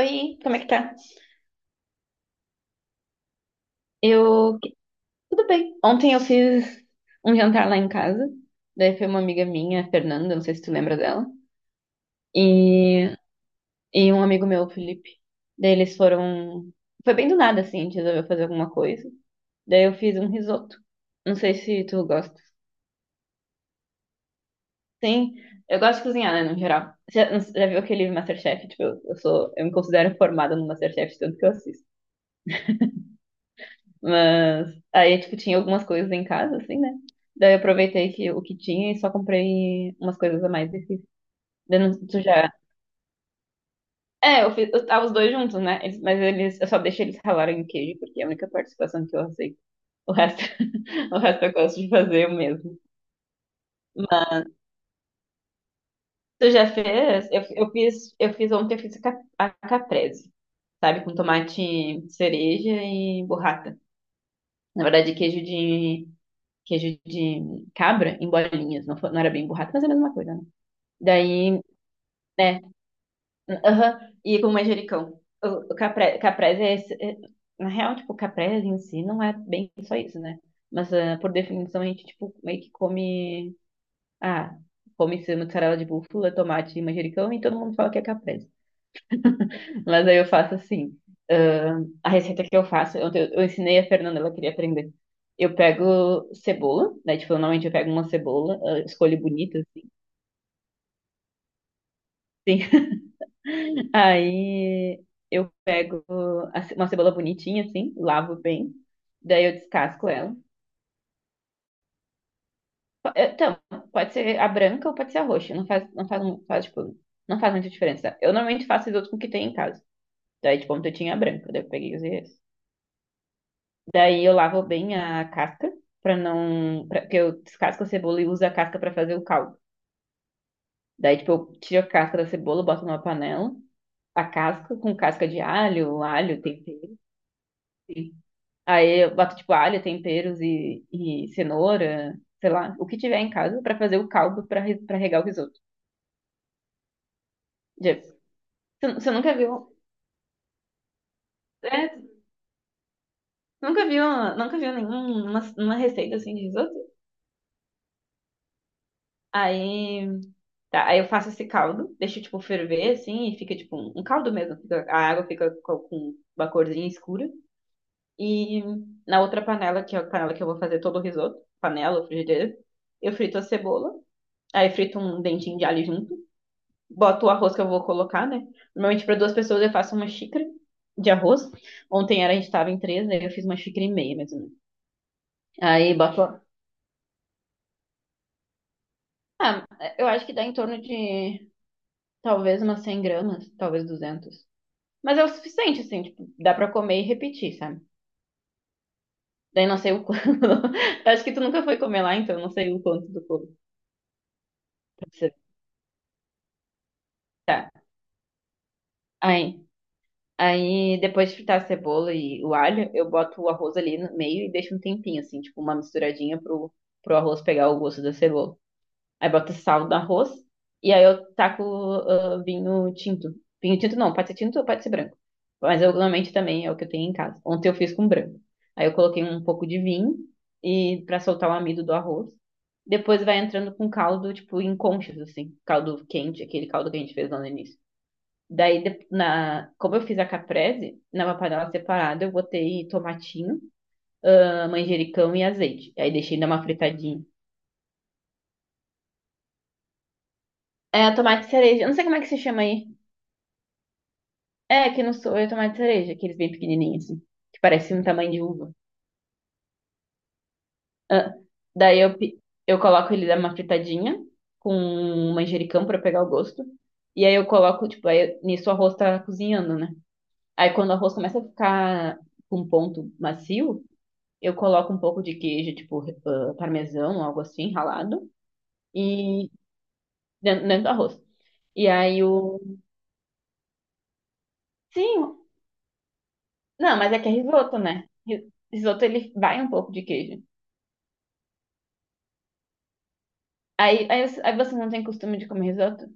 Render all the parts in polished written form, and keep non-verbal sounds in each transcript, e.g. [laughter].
Oi, como é que tá? Eu. Tudo bem. Ontem eu fiz um jantar lá em casa. Daí foi uma amiga minha, a Fernanda, não sei se tu lembra dela. E, e um amigo meu, o Felipe. Daí eles foram. Foi bem do nada, assim, a gente resolveu fazer alguma coisa. Daí eu fiz um risoto. Não sei se tu gosta. Sim, eu gosto de cozinhar, né, no geral. Você Já viu aquele MasterChef? Tipo, eu sou. Eu me considero formada no MasterChef, tanto que eu assisto. Mas aí, tipo, tinha algumas coisas em casa, assim, né? Daí eu aproveitei que, o que tinha e só comprei umas coisas a mais e fiz. Daí não- tu já. É, eu fiz, eu tava os dois juntos, né? Mas eles, eu só deixei eles ralarem o queijo, porque é a única participação que eu aceito. O resto, [laughs] o resto eu gosto de fazer eu mesmo. Mas tu já fez? Eu fiz ontem, eu fiz a, a caprese, sabe? Com tomate cereja e burrata. Na verdade, queijo de cabra em bolinhas. Não, não era bem burrata, mas é a mesma coisa, né? Daí, né? Aham. E com manjericão. Caprese é, na real, tipo, caprese em si não é bem só isso, né? Mas por definição a gente, tipo, meio que come. Ah, come esse mussarela de búfala, tomate e manjericão e todo mundo fala que é caprese. Mas aí eu faço assim. A receita que eu faço, eu ensinei a Fernanda, ela queria aprender. Eu pego cebola, né? Tipo, normalmente eu pego uma cebola, escolho bonita, assim. Sim. [laughs] Aí eu pego uma cebola bonitinha, assim, lavo bem. Daí eu descasco ela. Então, pode ser a branca ou pode ser a roxa. Não faz, tipo, não faz muita diferença. Eu normalmente faço risoto com o que tem em casa. Daí, tipo, ontem eu tinha a branca, daí eu peguei e usei essa. Daí eu lavo bem a casca para não, pra, porque eu descasco a cebola e uso a casca para fazer o caldo. Daí tipo eu tiro a casca da cebola, boto numa panela, a casca com casca de alho, alho, tempero. Enfim. Aí eu boto tipo alho, temperos e cenoura, sei lá, o que tiver em casa para fazer o caldo para regar o risoto. Já- Você, você nunca viu? É, nunca viu, nunca viu nenhuma uma receita assim de risoto? Aí Tá, aí eu faço esse caldo, deixo, tipo, ferver, assim, e fica, tipo, um caldo mesmo. A água fica com uma corzinha escura. E na outra panela, que é a panela que eu vou fazer todo o risoto, panela ou frigideira, eu frito a cebola. Aí frito um dentinho de alho junto. Boto o arroz que eu vou colocar, né? Normalmente, para duas pessoas, eu faço uma xícara de arroz. Ontem era, a gente tava em três, né? Eu fiz uma xícara e meia, mais ou menos. Aí boto... Ah, eu acho que dá em torno de, talvez, umas 100 gramas, talvez 200. Mas é o suficiente, assim, tipo, dá pra comer e repetir, sabe? Daí não sei o quanto. [laughs] Acho que tu nunca foi comer lá, então não sei o quanto do corpo precisa fritar. Aí, depois de fritar a cebola e o alho, eu boto o arroz ali no meio e deixo um tempinho, assim, tipo, uma misturadinha pro arroz pegar o gosto da cebola. Aí boto sal no arroz. E aí eu taco vinho tinto. Vinho tinto não, pode ser tinto ou pode ser branco. Mas eu normalmente também é o que eu tenho em casa. Ontem eu fiz com branco. Aí eu coloquei um pouco de vinho e para soltar o amido do arroz. Depois vai entrando com caldo, tipo, em conchas, assim. Caldo quente, aquele caldo que a gente fez lá no início. Daí, como eu fiz a caprese, numa panela separada, eu botei tomatinho, manjericão e azeite. Aí deixei dar uma fritadinha. É, tomate cereja. Eu não sei como é que se chama aí. É, que não sou eu tomate de cereja, aqueles bem pequenininhos, assim, que parece um tamanho de uva. Ah, daí eu, pi- eu coloco ele dar uma fritadinha com manjericão pra pegar o gosto. E aí eu coloco, tipo, aí nisso o arroz tá cozinhando, né? Aí quando o arroz começa a ficar com um ponto macio, eu coloco um pouco de queijo, tipo, parmesão, algo assim, ralado, e dentro do arroz. E aí o. Sim, não, mas é que é risoto, né? Risoto ele vai um pouco de queijo. Aí você não tem costume de comer risoto?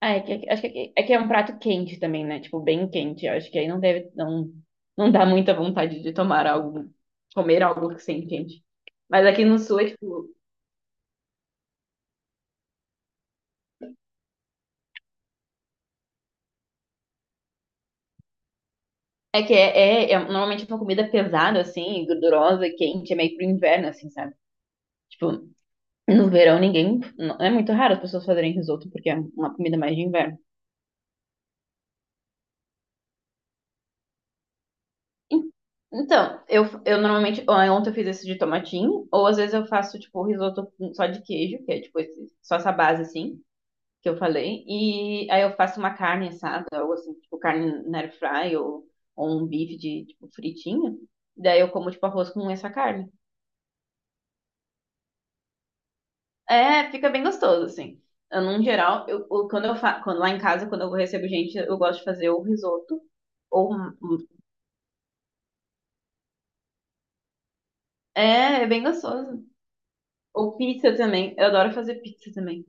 Ah, é que, acho que é, que é um prato quente também, né? Tipo, bem quente. Eu acho que aí não deve, não, não dá muita vontade de tomar algo, comer algo que sem quente. Mas aqui no sul é tipo, é que é, é, é normalmente é uma comida pesada, assim, gordurosa, quente, é meio pro inverno, assim, sabe? Tipo, no verão ninguém, não, é muito raro as pessoas fazerem risoto, porque é uma comida mais de inverno. En- Então, eu normalmente, ó, ontem eu fiz esse de tomatinho, ou às vezes eu faço, tipo, só de queijo, que é, tipo, só essa base, assim, que eu falei, e aí eu faço uma carne assada, ou assim, tipo, carne na air fry, ou um bife de, tipo, fritinho, daí eu como, tipo, arroz com essa carne. É, fica bem gostoso, assim. Eu, no geral, eu- quando eu fa quando lá em casa, quando eu recebo gente, eu gosto de fazer o risoto, ou, é, é bem gostoso. Ou pizza também, eu adoro fazer pizza também.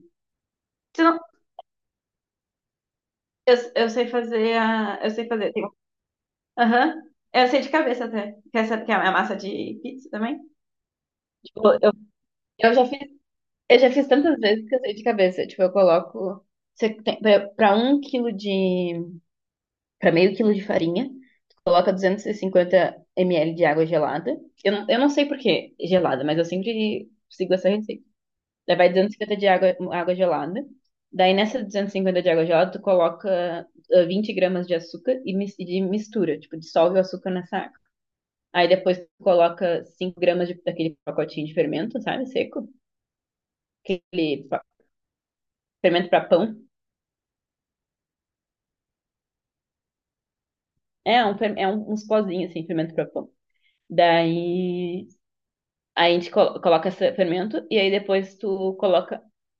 Eu sei fazer a. Eu sei fazer. Aham. Eu sei de cabeça até. Quer saber que é a massa de pizza também? Tipo, eu já fiz, eu já fiz tantas vezes que eu sei de cabeça. Tipo, eu coloco. Você tem, pra, pra um quilo de. Pra meio quilo de farinha, tu coloca 250 ml de água gelada. Eu não sei por que gelada, mas eu sempre sigo essa receita. Daí vai 250 de água, água gelada. Daí nessa 250 de água gelada, tu coloca 20 gramas de açúcar e de mistura, tipo, dissolve o açúcar nessa água. Aí depois tu coloca 5 gramas daquele pacotinho de fermento, sabe, seco, aquele pa- fermento para pão. É, é um, uns pozinhos assim, fermento para pão. Daí aí a gente coloca esse fermento e aí depois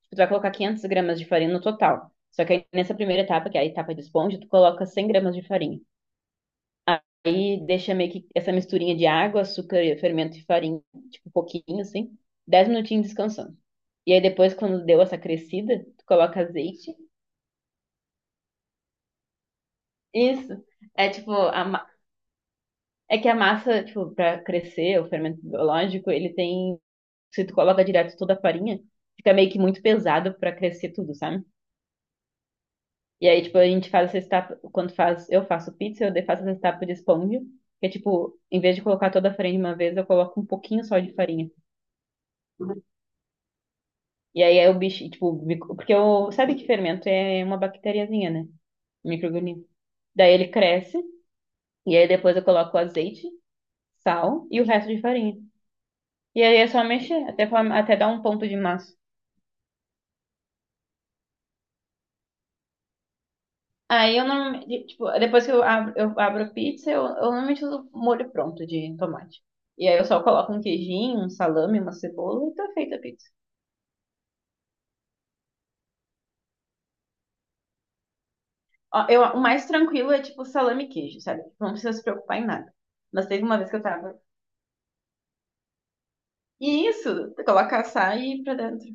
tu vai colocar 500 gramas de farinha no total. Só que aí nessa primeira etapa, que é a etapa de esponja, tu coloca 100 gramas de farinha. Aí deixa meio que essa misturinha de água, açúcar, fermento e farinha, tipo um pouquinho assim, 10 minutinhos descansando. E aí depois, quando deu essa crescida, tu coloca azeite. Isso. É tipo, a ma- É que a massa, tipo, pra crescer, o fermento biológico, ele tem. Se tu coloca direto toda a farinha, fica meio que muito pesado pra crescer tudo, sabe? E aí, tipo, a gente faz essa etapa. Eu faço pizza, eu faço essa etapa de esponja. Que é tipo, em vez de colocar toda a farinha de uma vez, eu coloco um pouquinho só de farinha. E aí é o bicho, tipo, porque o, sabe que fermento é uma bactériazinha, né? Um microorganismo. Daí ele cresce, e aí depois eu coloco o azeite, sal e o resto de farinha. E aí é só mexer, até, até dar um ponto de massa. Aí eu normalmente, tipo, depois que eu abro a pizza, eu normalmente uso molho pronto de tomate. E aí eu só coloco um queijinho, um salame, uma cebola e tá feita a pizza. Ó, eu, o mais tranquilo é tipo salame e queijo, sabe? Não precisa se preocupar em nada. Mas teve uma vez que eu tava E isso, coloca açaí pra dentro.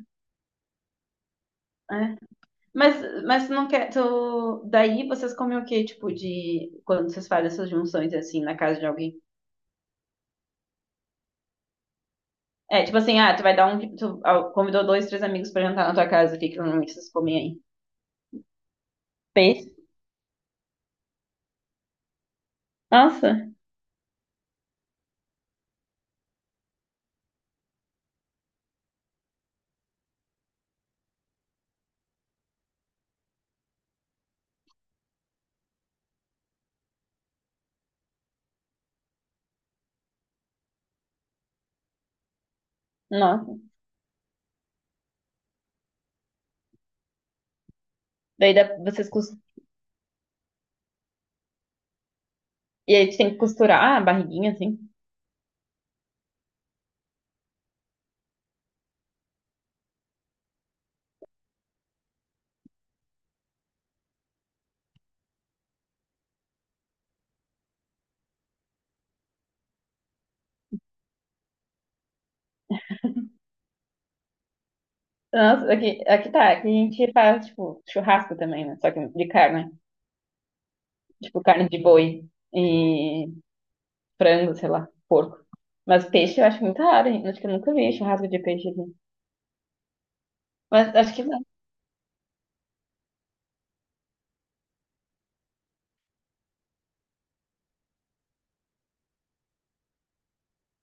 É. Mas, mas tu não quer. Tu... Daí vocês comem o quê? Tipo, de. Quando vocês fazem essas junções assim na casa de alguém? É, tipo assim, ah, tu vai dar um. Tu ah, convidou dois, três amigos pra jantar na tua casa, o que que normalmente vocês comem aí? Peixe? Nossa, nossa. Daí dá- vocês. Cos- E aí tu tem que costurar a barriguinha assim. Nossa, aqui, aqui tá. Aqui a gente faz, tipo, churrasco também, né? Só que de carne. Tipo, carne de boi. E frango, sei lá, porco. Mas peixe eu acho muito raro, hein? Acho que eu nunca vi churrasco de peixe aqui. Mas acho que não. [laughs]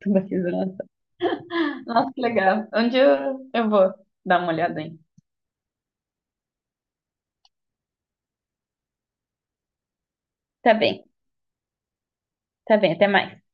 Tô risada. Nossa, que legal. Onde eu vou dar uma olhada, hein? Tá bem, tá bem, até mais.